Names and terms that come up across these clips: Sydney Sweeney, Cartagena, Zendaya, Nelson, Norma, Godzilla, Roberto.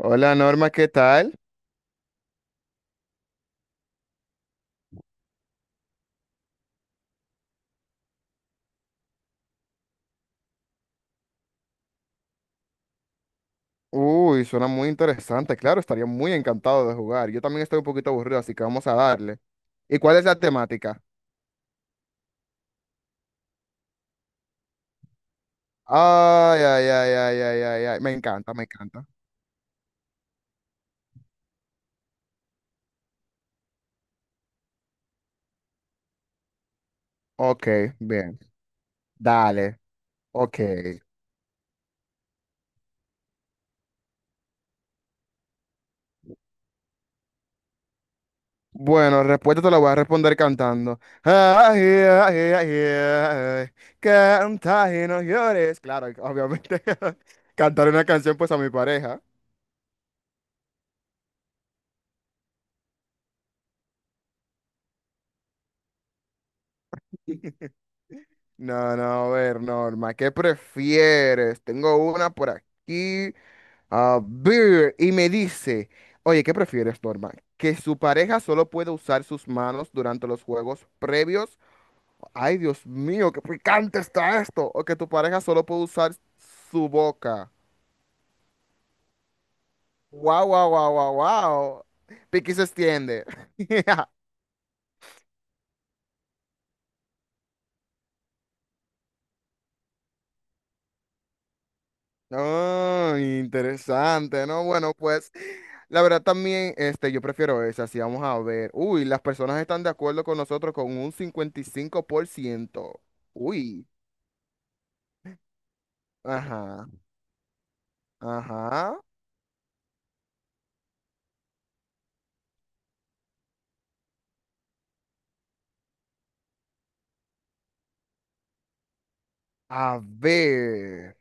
Hola Norma, ¿qué tal? Uy, suena muy interesante. Claro, estaría muy encantado de jugar. Yo también estoy un poquito aburrido, así que vamos a darle. ¿Y cuál es la temática? Ay, ay, ay, ay, ay, ay, ay. Me encanta, me encanta. Ok, bien. Dale. Ok. Bueno, respuesta te la voy a responder cantando. Ay, ay, ay, ay. Canta y no llores. Claro, obviamente. Cantar una canción pues a mi pareja. No, no, a ver, Norma, ¿qué prefieres? Tengo una por aquí. A ver, y me dice, oye, ¿qué prefieres, Norma? ¿Que su pareja solo puede usar sus manos durante los juegos previos? Ay, Dios mío, qué picante está esto. ¿O que tu pareja solo puede usar su boca? Wow, wow, wow, wow, wow. Piqui se extiende. Oh, interesante, ¿no? Bueno, pues la verdad también, yo prefiero esa, si vamos a ver. Uy, las personas están de acuerdo con nosotros con un 55%. Uy, ajá, ajá. A ver.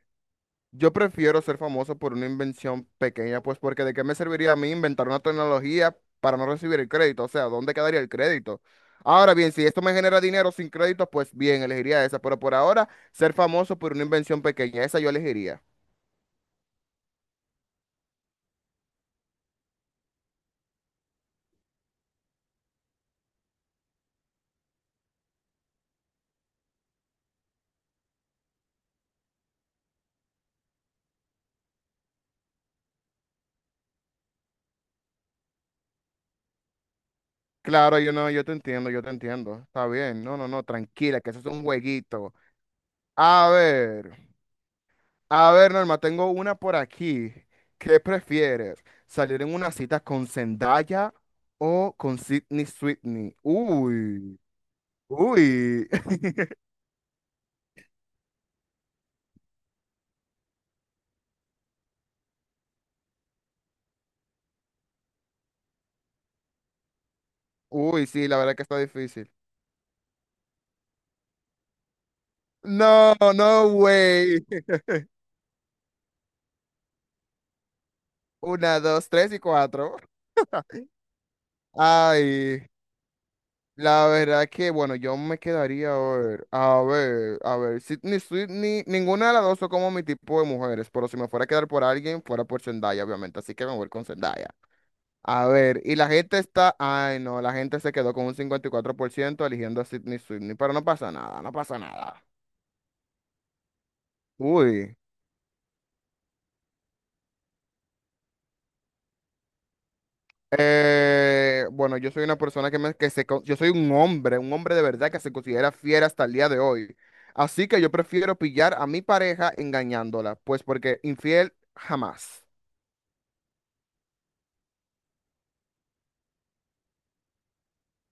Yo prefiero ser famoso por una invención pequeña, pues porque ¿de qué me serviría a mí inventar una tecnología para no recibir el crédito? O sea, ¿dónde quedaría el crédito? Ahora bien, si esto me genera dinero sin crédito, pues bien, elegiría esa, pero por ahora ser famoso por una invención pequeña, esa yo elegiría. Claro, yo no, yo te entiendo, yo te entiendo. Está bien, no, no, no, tranquila, que eso es un jueguito. A ver. A ver, Norma, tengo una por aquí. ¿Qué prefieres? ¿Salir en una cita con Zendaya o con Sydney Sweeney? Uy, uy, uy, sí, la verdad que está difícil. No, no, güey. Una, dos, tres y cuatro. Ay, la verdad que, bueno, yo me quedaría a ver, a ver, a ver, Sydney Sweeney, ninguna de las dos son como mi tipo de mujeres, pero si me fuera a quedar por alguien, fuera por Zendaya, obviamente, así que me voy con Zendaya. A ver, y la gente está, ay no, la gente se quedó con un 54% eligiendo a Sydney Sweeney, pero no pasa nada, no pasa nada. Uy, bueno, yo soy una persona que, me, que se, con- yo soy un hombre de verdad que se considera fiel hasta el día de hoy. Así que yo prefiero pillar a mi pareja engañándola, pues porque infiel jamás.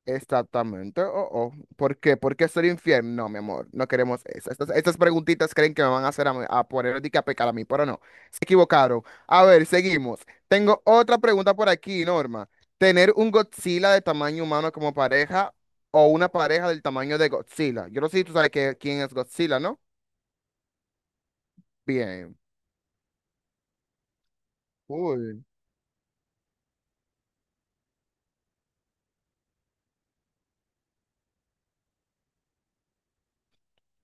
Exactamente. Oh, oh. ¿Por qué? ¿Por qué ser infiel? No, mi amor, no queremos eso. Estas preguntitas creen que me van a hacer a poner de que a pecar a mí, pero no. Se equivocaron. A ver, seguimos. Tengo otra pregunta por aquí, Norma. ¿Tener un Godzilla de tamaño humano como pareja o una pareja del tamaño de Godzilla? Yo no sé si tú sabes quién es Godzilla, ¿no? Bien. Cool.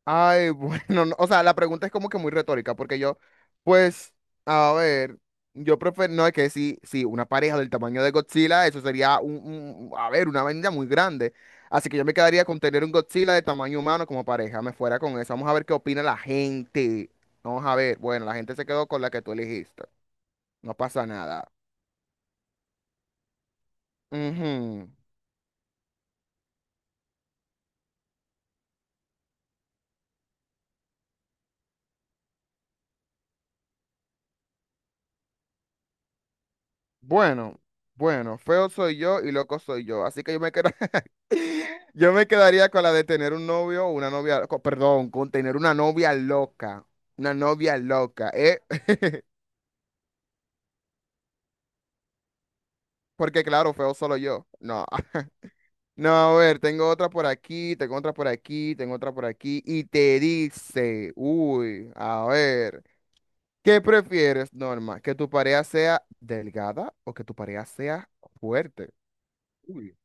Ay, bueno, no, o sea, la pregunta es como que muy retórica, porque yo, pues, a ver, yo prefiero, no, es que sí, sí, una pareja del tamaño de Godzilla, eso sería a ver, una vaina muy grande. Así que yo me quedaría con tener un Godzilla de tamaño humano como pareja, me fuera con eso. Vamos a ver qué opina la gente. Vamos a ver, bueno, la gente se quedó con la que tú elegiste. No pasa nada. Ujú. Bueno, bueno, feo soy yo y loco soy yo, así que yo me quedo, yo me quedaría con la de tener un novio o una novia, co- perdón, con tener una novia loca, ¿eh? Porque claro, feo solo yo, no, no, a ver, tengo otra por aquí, tengo otra por aquí, tengo otra por aquí, y te dice, uy, a ver, ¿qué prefieres, Norma? ¿Que tu pareja sea delgada o que tu pareja sea fuerte? Uy.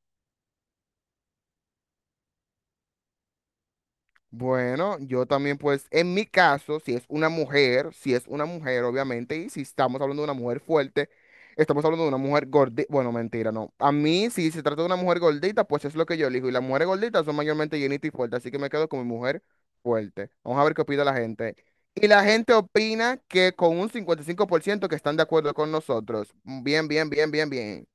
Bueno, yo también pues en mi caso, si es una mujer, si es una mujer obviamente, y si estamos hablando de una mujer fuerte, estamos hablando de una mujer gordita, bueno, mentira, no. A mí, si se trata de una mujer gordita, pues es lo que yo elijo, y las mujeres gorditas son mayormente llenitas y fuertes, así que me quedo con mi mujer fuerte. Vamos a ver qué opina la gente. Y la gente opina que con un 55% que están de acuerdo con nosotros. Bien, bien, bien, bien, bien.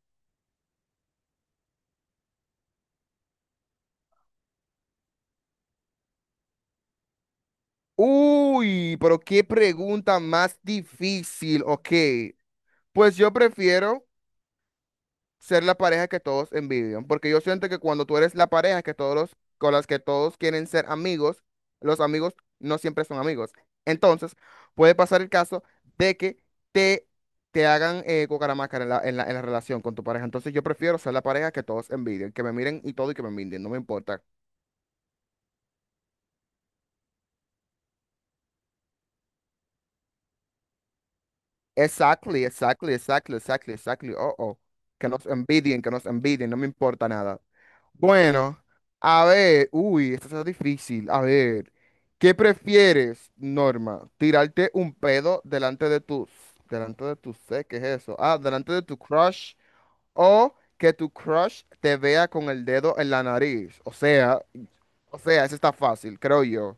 Uy, pero qué pregunta más difícil, ok. Pues yo prefiero... ser la pareja que todos envidian, porque yo siento que cuando tú eres la pareja que con las que todos quieren ser amigos, los amigos no siempre son amigos. Entonces, puede pasar el caso de que te, te hagan cucaramácara en en la relación con tu pareja. Entonces, yo prefiero ser la pareja que todos envidian, que me miren y todo y que me envidien, no me importa. Exactly, exactly, exactly, exactly, exactly. Oh, oh. Que nos envidien, no me importa nada. Bueno, a ver, uy, esto está difícil. A ver, ¿qué prefieres, Norma? ¿Tirarte un pedo delante de tus, ¿Qué es eso? Ah, delante de tu crush o que tu crush te vea con el dedo en la nariz. O sea, eso está fácil, creo yo.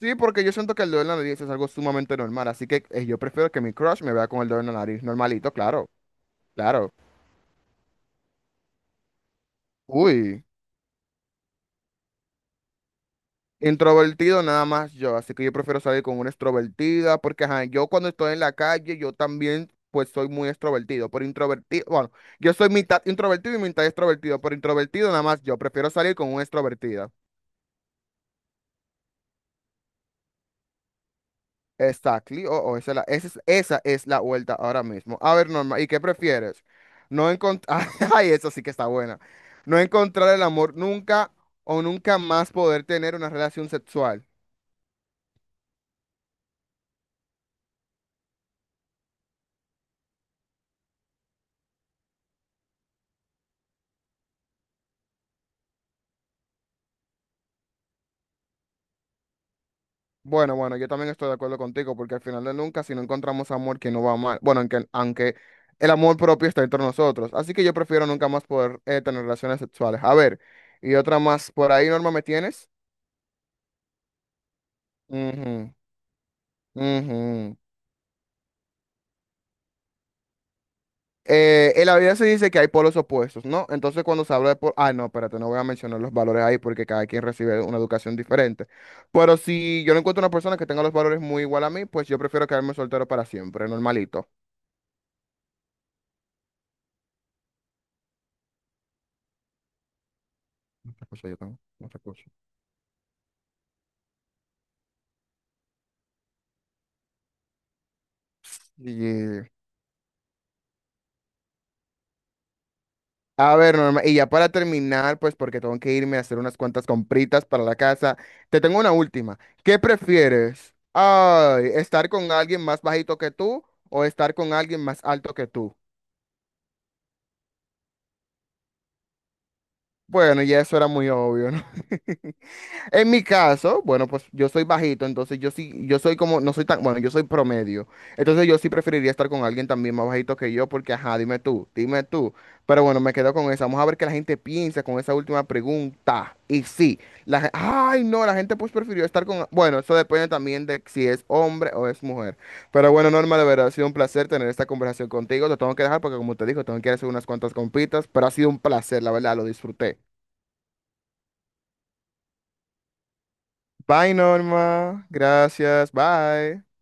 Sí, porque yo siento que el dedo en la nariz es algo sumamente normal, así que yo prefiero que mi crush me vea con el dedo en la nariz, normalito, claro, claro. Uy. Introvertido nada más yo, así que yo prefiero salir con una extrovertida, porque ajá, yo cuando estoy en la calle, yo también pues soy muy extrovertido, por introvertido, bueno, yo soy mitad introvertido y mitad extrovertido, por introvertido nada más yo, prefiero salir con una extrovertida. Exactly, oh, oh, esa es la vuelta ahora mismo. A ver, Norma, ¿y qué prefieres? No encontrar, ay, eso sí que está buena. No encontrar el amor nunca o nunca más poder tener una relación sexual. Bueno, bueno, yo también estoy de acuerdo contigo, porque al final de nunca, si no encontramos amor que no va mal, bueno, aunque, aunque el amor propio está entre nosotros, así que yo prefiero nunca más poder tener relaciones sexuales. A ver, y otra más, por ahí, Norma, ¿me tienes? Ujú, ujú. En la vida se dice que hay polos opuestos, ¿no? Entonces cuando se habla de polos, ah, no, espérate, no voy a mencionar los valores ahí porque cada quien recibe una educación diferente. Pero si yo no encuentro una persona que tenga los valores muy igual a mí, pues yo prefiero quedarme soltero para siempre, normalito. No, otra cosa yo tengo, otra cosa. Y, a ver, Norma, y ya para terminar, pues porque tengo que irme a hacer unas cuantas compritas para la casa, te tengo una última. ¿Qué prefieres? Ay, ¿estar con alguien más bajito que tú o estar con alguien más alto que tú? Bueno, ya eso era muy obvio, ¿no? En mi caso, bueno, pues yo soy bajito, entonces yo sí, yo soy como, no soy tan, bueno, yo soy promedio. Entonces yo sí preferiría estar con alguien también más bajito que yo, porque ajá, dime tú, dime tú. Pero bueno, me quedo con esa. Vamos a ver qué la gente piensa con esa última pregunta. Y sí, ay, no, la gente pues prefirió estar con, bueno, eso depende también de si es hombre o es mujer. Pero bueno, Norma, de verdad ha sido un placer tener esta conversación contigo. Te tengo que dejar porque como te digo, tengo que ir a hacer unas cuantas compitas, pero ha sido un placer, la verdad, lo disfruté. Bye, Norma. Gracias. Bye.